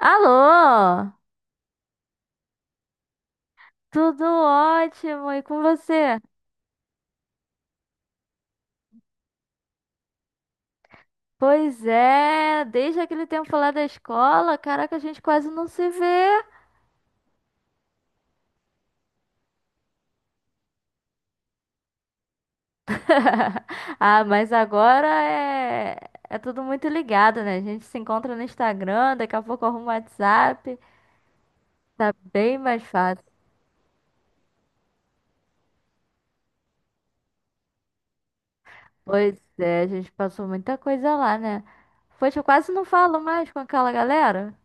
Alô, tudo ótimo, e com você? Pois é, desde aquele tempo lá da escola, caraca, a gente quase não se vê. Ah, mas agora é tudo muito ligado, né? A gente se encontra no Instagram, daqui a pouco arruma o WhatsApp, tá bem mais fácil. Pois é, a gente passou muita coisa lá, né? Poxa, eu quase não falo mais com aquela galera.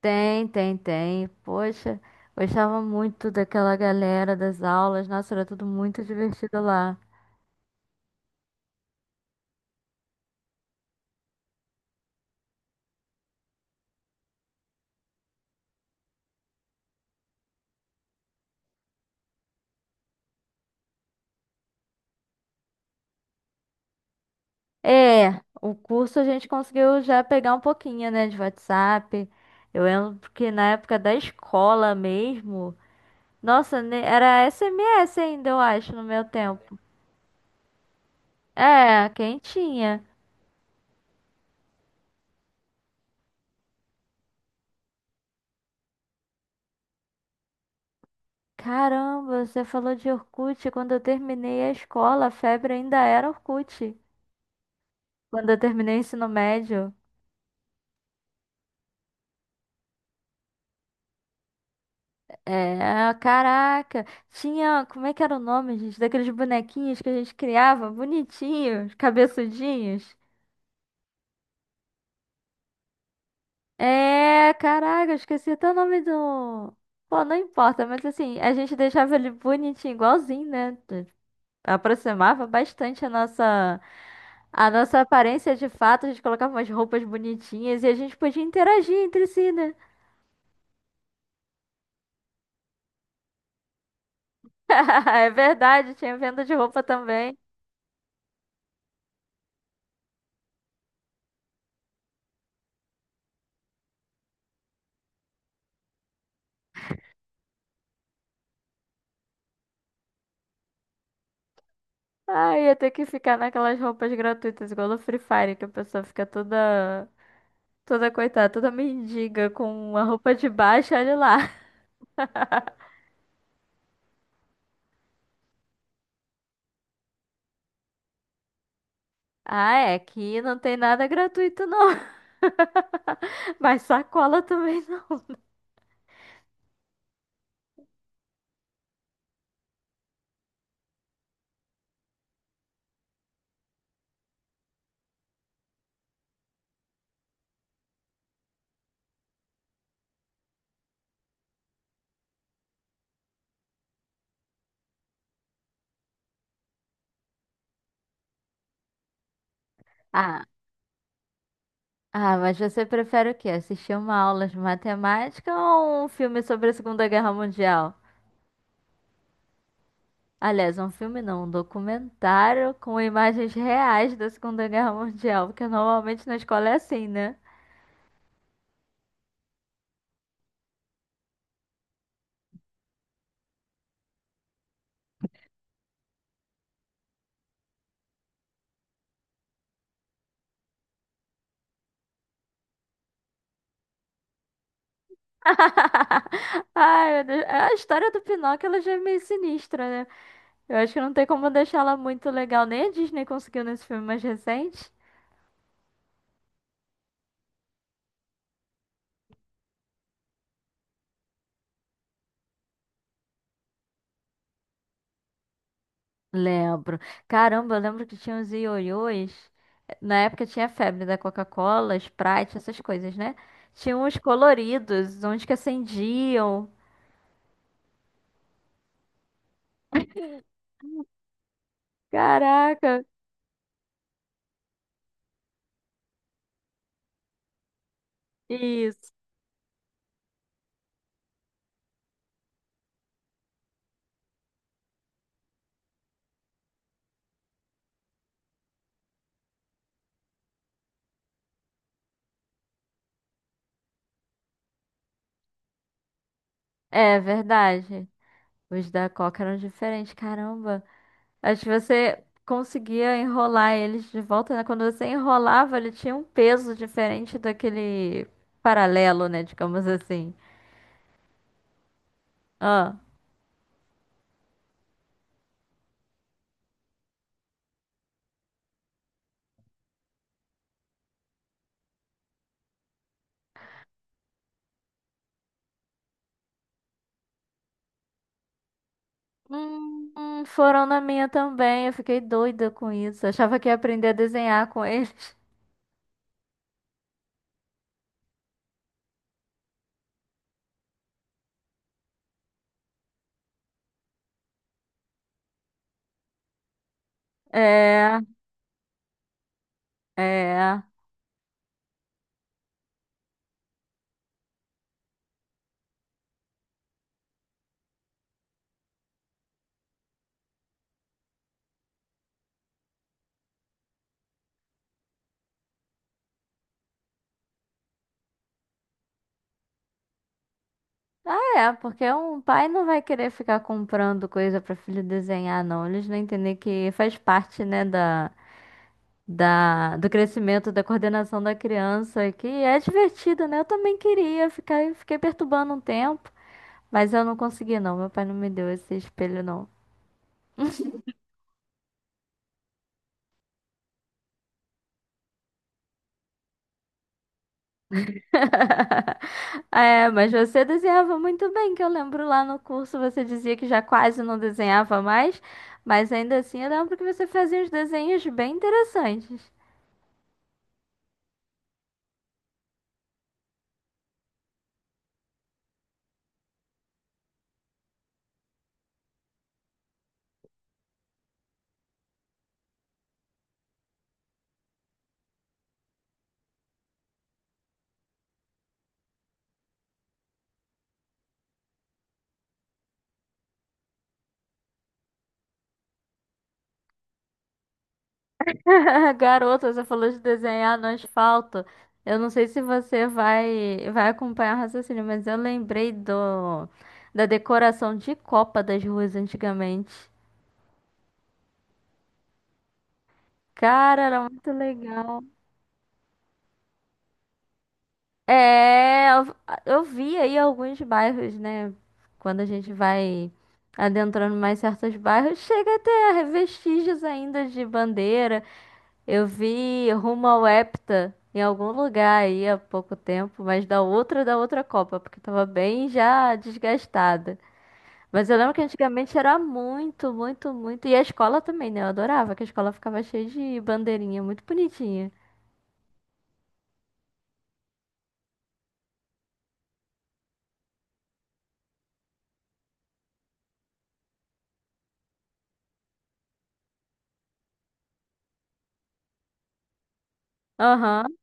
Tem. Poxa, gostava muito daquela galera das aulas. Nossa, era tudo muito divertido lá. É, o curso a gente conseguiu já pegar um pouquinho, né, de WhatsApp. Eu lembro que na época da escola mesmo, nossa, né, era SMS ainda, eu acho, no meu tempo. É, quem tinha? Caramba, você falou de Orkut. Quando eu terminei a escola, a febre ainda era Orkut. Quando eu terminei o ensino médio. É, caraca, tinha, como é que era o nome, gente, daqueles bonequinhos que a gente criava, bonitinhos, cabeçudinhos. É, caraca, eu esqueci até o nome do. Pô, não importa, mas assim, a gente deixava ele bonitinho, igualzinho, né? Aproximava bastante a nossa aparência de fato, a gente colocava umas roupas bonitinhas e a gente podia interagir entre si, né? É verdade, tinha venda de roupa também. Ah, ia ter que ficar naquelas roupas gratuitas, igual no Free Fire, que a pessoa fica toda coitada, toda mendiga com uma roupa de baixo, olha lá. Ah, é, aqui não tem nada gratuito não, mas sacola também não. Ah, ah, mas você prefere o quê? Assistir uma aula de matemática ou um filme sobre a Segunda Guerra Mundial? Aliás, um filme não, um documentário com imagens reais da Segunda Guerra Mundial, porque normalmente na escola é assim, né? Ai, meu Deus. É, a história do Pinóquio ela já é meio sinistra, né? Eu acho que não tem como deixar ela muito legal. Nem a Disney conseguiu nesse filme mais recente. Lembro. Caramba, eu lembro que tinha os ioiôs. Na época tinha a febre da Coca-Cola, Sprite, essas coisas, né? Tinha uns coloridos, uns que acendiam. Caraca, isso. É verdade. Os da Coca eram diferentes, caramba. Acho que você conseguia enrolar eles de volta, né? Quando você enrolava, ele tinha um peso diferente daquele paralelo, né? Digamos assim. Ah, foram na minha também. Eu fiquei doida com isso. Achava que ia aprender a desenhar com eles. É, é. É, porque um pai não vai querer ficar comprando coisa para filho desenhar, não. Eles não entendem que faz parte, né, do crescimento, da coordenação da criança, que é divertido, né? Eu também queria ficar, fiquei perturbando um tempo, mas eu não consegui, não. Meu pai não me deu esse espelho, não. É, mas você desenhava muito bem, que eu lembro lá no curso você dizia que já quase não desenhava mais, mas ainda assim eu lembro que você fazia uns desenhos bem interessantes. Garota, você falou de desenhar no asfalto. Eu não sei se você vai acompanhar o raciocínio, mas eu lembrei do da decoração de Copa das ruas antigamente. Cara, era muito legal. É, eu, eu vi aí alguns bairros, né? Quando a gente vai adentrando mais certos bairros, chega até a vestígios ainda de bandeira. Eu vi Rumo ao Hepta em algum lugar aí há pouco tempo, mas da outra Copa, porque eu tava bem já desgastada. Mas eu lembro que antigamente era muito, muito, muito. E a escola também, né? Eu adorava, que a escola ficava cheia de bandeirinha, muito bonitinha. Aham,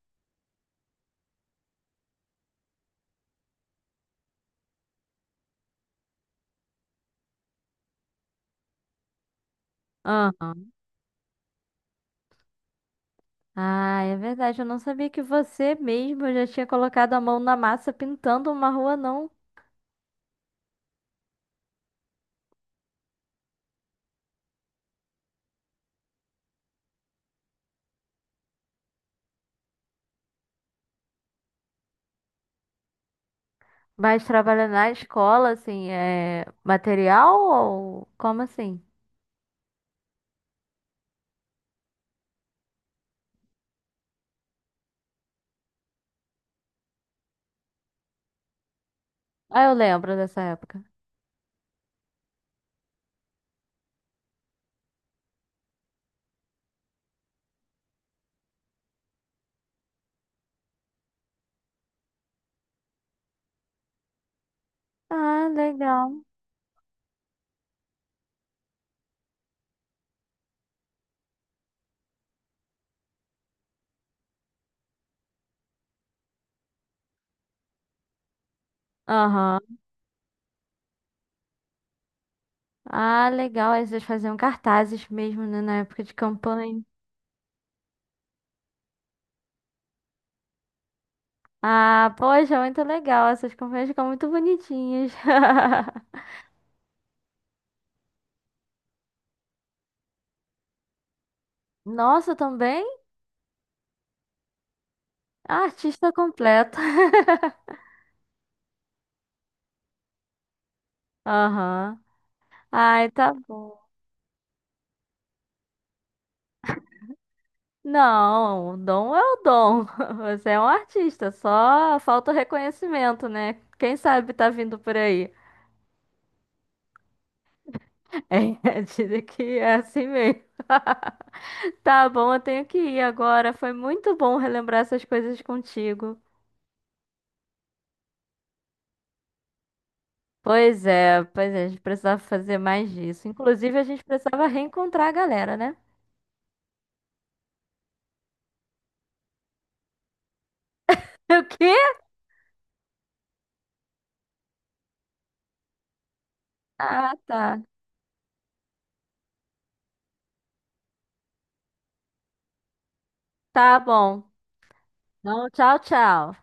aham. Ah, é verdade. Eu não sabia que você mesmo já tinha colocado a mão na massa pintando uma rua, não. Mas trabalha na escola, assim, é material ou como assim? Ah, eu lembro dessa época. Ah, legal. Aham. Ah, legal. Aí vocês faziam cartazes mesmo, né, na época de campanha. Ah, poxa, muito legal. Essas campanhas ficam muito bonitinhas. Nossa, também? Ah, artista completo. Aham. Ai, tá bom. Não, o dom é o dom. Você é um artista, só falta o reconhecimento, né? Quem sabe tá vindo por aí. É, dizem que é assim mesmo. Tá bom, eu tenho que ir agora. Foi muito bom relembrar essas coisas contigo. Pois é, a gente precisava fazer mais disso. Inclusive, a gente precisava reencontrar a galera, né? O quê? Ah, tá. Tá bom. Então, tchau.